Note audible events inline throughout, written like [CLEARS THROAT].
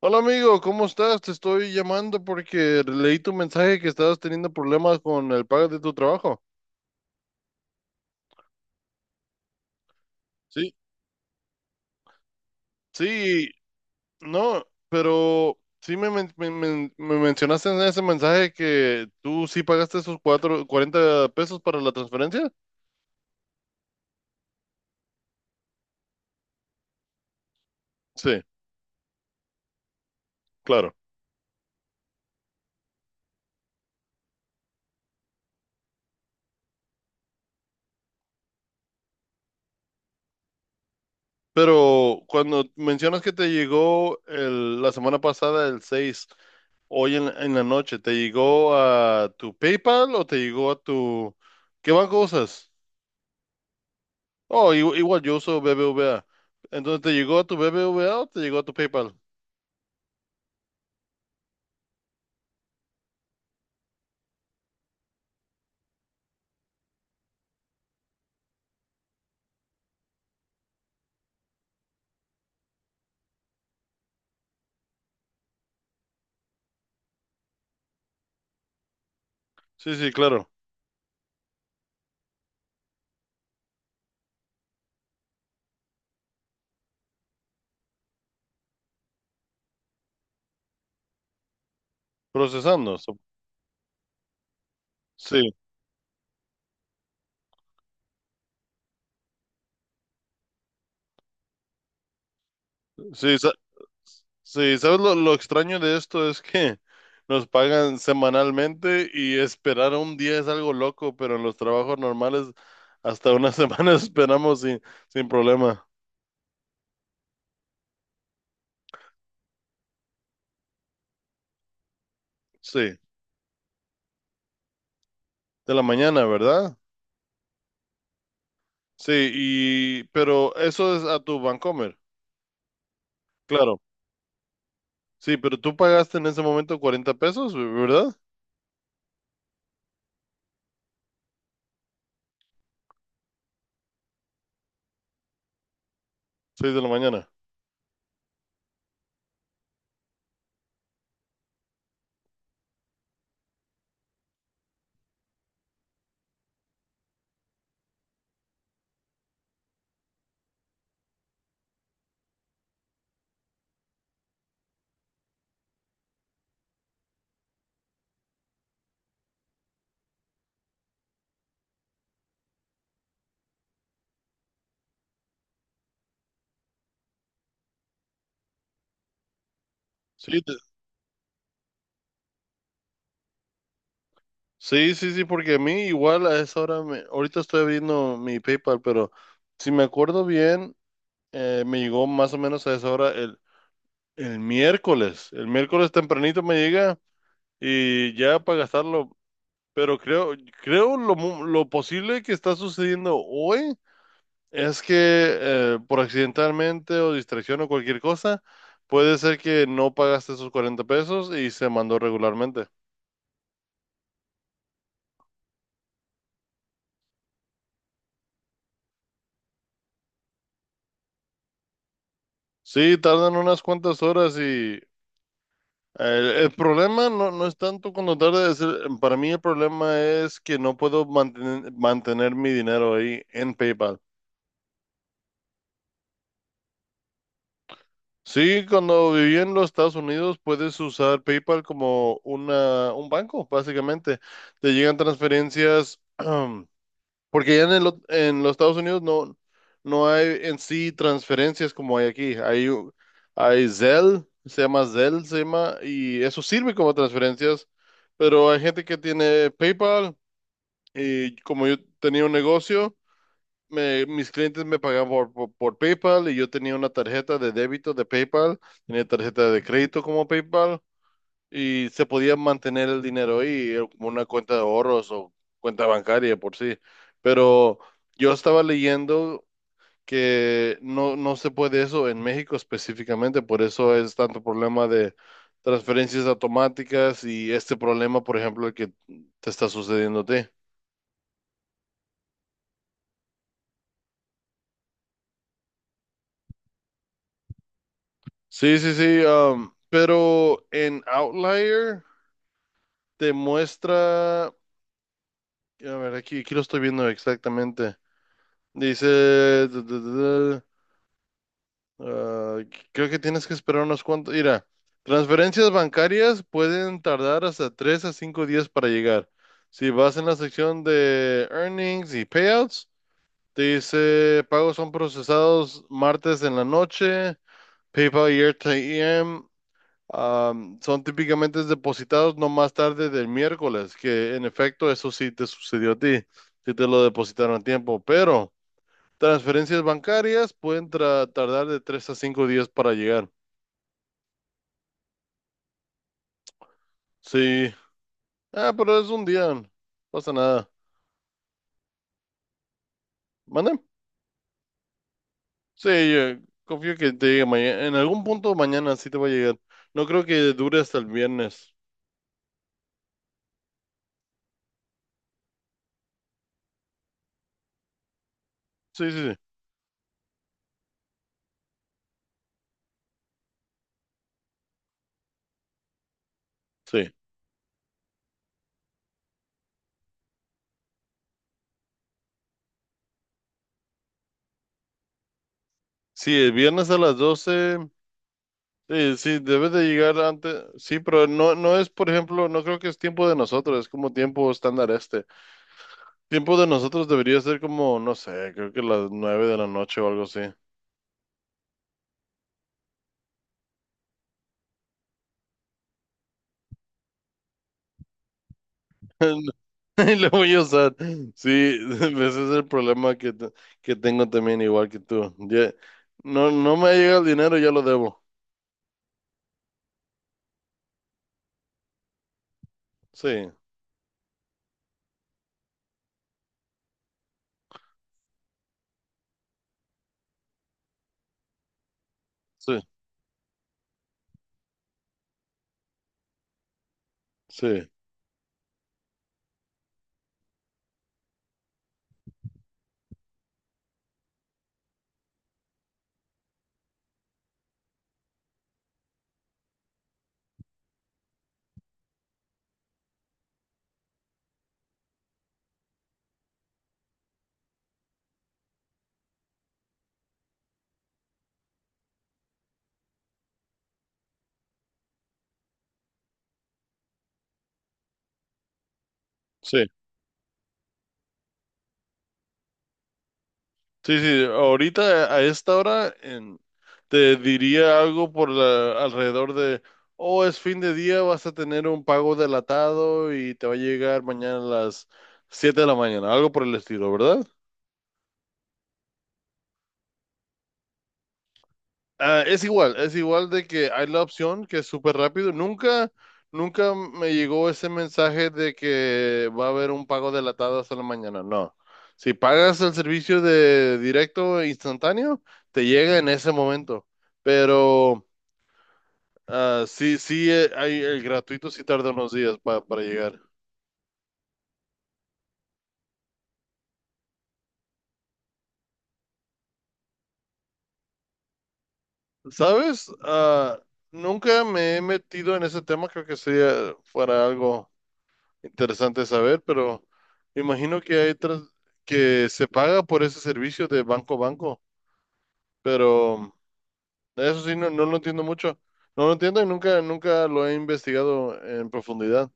Hola amigo, ¿cómo estás? Te estoy llamando porque leí tu mensaje que estabas teniendo problemas con el pago de tu trabajo. Sí, sí, no, pero sí me mencionaste en ese mensaje que tú sí pagaste esos 40 pesos para la transferencia. Sí, claro. Pero cuando mencionas que te llegó la semana pasada el 6, hoy en la noche, ¿te llegó a tu PayPal o te llegó a tu... ¿Qué banco usas? Oh, igual, yo uso BBVA. Entonces, ¿te llegó a tu BBVA o te llegó a tu PayPal? Sí, sí, claro. Procesando. Sí, sí, sí. ¿Sabes lo extraño de esto? Es que [LAUGHS] nos pagan semanalmente y esperar un día es algo loco, pero en los trabajos normales hasta una [LAUGHS] semana esperamos sin problema. Sí, de la mañana, ¿verdad? Sí, y pero eso es a tu Bancomer. Claro. Sí, pero tú pagaste en ese momento 40 pesos, ¿verdad? 6 de la mañana. Sí, sí, sí, sí, porque a mí igual a esa hora, ahorita estoy abriendo mi PayPal, pero si me acuerdo bien, me llegó más o menos a esa hora el miércoles. El miércoles tempranito me llega y ya para gastarlo, pero creo lo posible que está sucediendo hoy es que por accidentalmente o distracción o cualquier cosa, puede ser que no pagaste esos 40 pesos y se mandó regularmente. Sí, tardan unas cuantas horas y el problema no es tanto cuando tarda, es para mí el problema es que no puedo mantener, mantener mi dinero ahí en PayPal. Sí, cuando viví en los Estados Unidos puedes usar PayPal como un banco, básicamente. Te llegan transferencias [CLEARS THROAT] Porque ya en en los Estados Unidos no hay en sí transferencias como hay aquí. Hay Zelle, se llama, y eso sirve como transferencias. Pero hay gente que tiene PayPal y como yo tenía un negocio, mis clientes me pagaban por PayPal y yo tenía una tarjeta de débito de PayPal, tenía tarjeta de crédito como PayPal y se podía mantener el dinero ahí, como una cuenta de ahorros o cuenta bancaria por sí. Pero yo estaba leyendo que no se puede eso en México específicamente, por eso es tanto problema de transferencias automáticas y este problema, por ejemplo, el que te está sucediendo a ti. Sí, sí, sí, pero en Outlier te muestra, a ver, aquí, aquí lo estoy viendo exactamente. Dice, ah, creo que tienes que esperar unos cuantos. Mira, transferencias bancarias pueden tardar hasta 3 a 5 días para llegar. Si vas en la sección de earnings y payouts, te dice pagos son procesados martes en la noche, PayPal y AirTM son típicamente depositados no más tarde del miércoles, que en efecto eso sí te sucedió a ti, si te lo depositaron a tiempo, pero transferencias bancarias pueden tardar de 3 a 5 días para llegar. Sí. Ah, pero es un día. No pasa nada. ¿Mande? Sí, confío que te llegue mañana. En algún punto mañana sí te va a llegar. No creo que dure hasta el viernes. Sí, sí, sí. Sí, sí, el viernes a las 12, sí, sí, debe de llegar antes. Sí, pero no es, por ejemplo, no creo que es tiempo de nosotros, es como tiempo estándar este. Tiempo de nosotros debería ser como, no sé, creo que las 9 de la noche o algo así. [LAUGHS] y lo voy a usar. Sí, [LAUGHS] ese es el problema que tengo también, igual que tú. No me llega el dinero, ya lo debo. Sí, sí, sí, sí. Sí, sí, ahorita a esta hora te diría algo alrededor de, oh, es fin de día, vas a tener un pago delatado y te va a llegar mañana a las 7 de la mañana, algo por el estilo, ¿verdad? Ah, es igual de que hay la opción que es súper rápido. Nunca, nunca me llegó ese mensaje de que va a haber un pago delatado hasta la mañana. No. Si pagas el servicio de directo e instantáneo, te llega en ese momento. Pero sí, sí, hay el gratuito sí tarda unos días para llegar. ¿Sabes? Ah, nunca me he metido en ese tema. Creo que sería fuera algo. Interesante saber, pero me imagino que hay que se paga por ese servicio de banco a banco, pero eso sí no lo entiendo mucho. No lo entiendo y nunca, nunca lo he investigado en profundidad.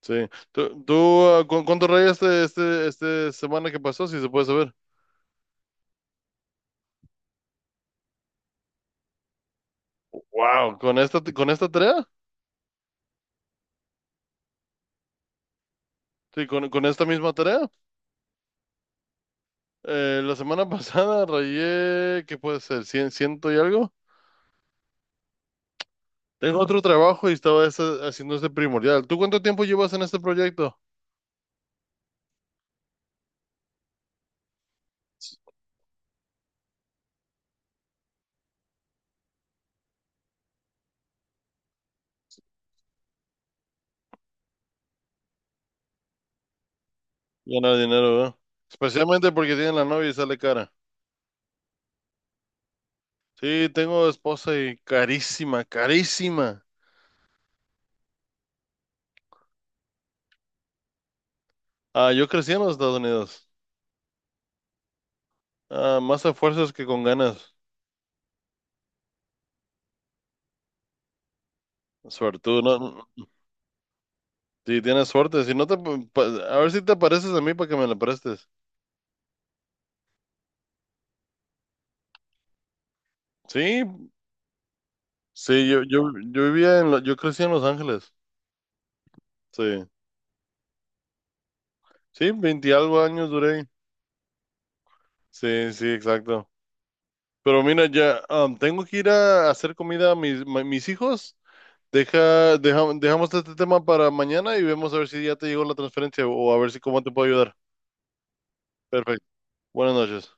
Sí. Cuánto rayaste este semana que pasó, si se puede saber? Wow, con esta tarea, sí, con esta misma tarea. La semana [LAUGHS] pasada rayé, ¿qué puede ser? ¿Cien, ciento y algo? Tengo otro trabajo y estaba haciendo este primordial. ¿Tú cuánto tiempo llevas en este proyecto? Ganar dinero, ¿verdad? Especialmente porque tiene la novia y sale cara. Sí, tengo esposa y carísima, carísima. Ah, yo crecí en los Estados Unidos. Ah, más a fuerzas que con ganas. Suerte, no, si tienes suerte, si no te, a ver si te pareces a mí para que me la prestes. Sí, sí, yo vivía en, yo crecí en Los Ángeles. Sí, sí, 20 y algo años duré. Sí, sí, exacto. Pero mira, ya tengo que ir a hacer comida a mis hijos. Dejamos este tema para mañana y vemos a ver si ya te llegó la transferencia o a ver si cómo te puedo ayudar. Perfecto. Buenas noches.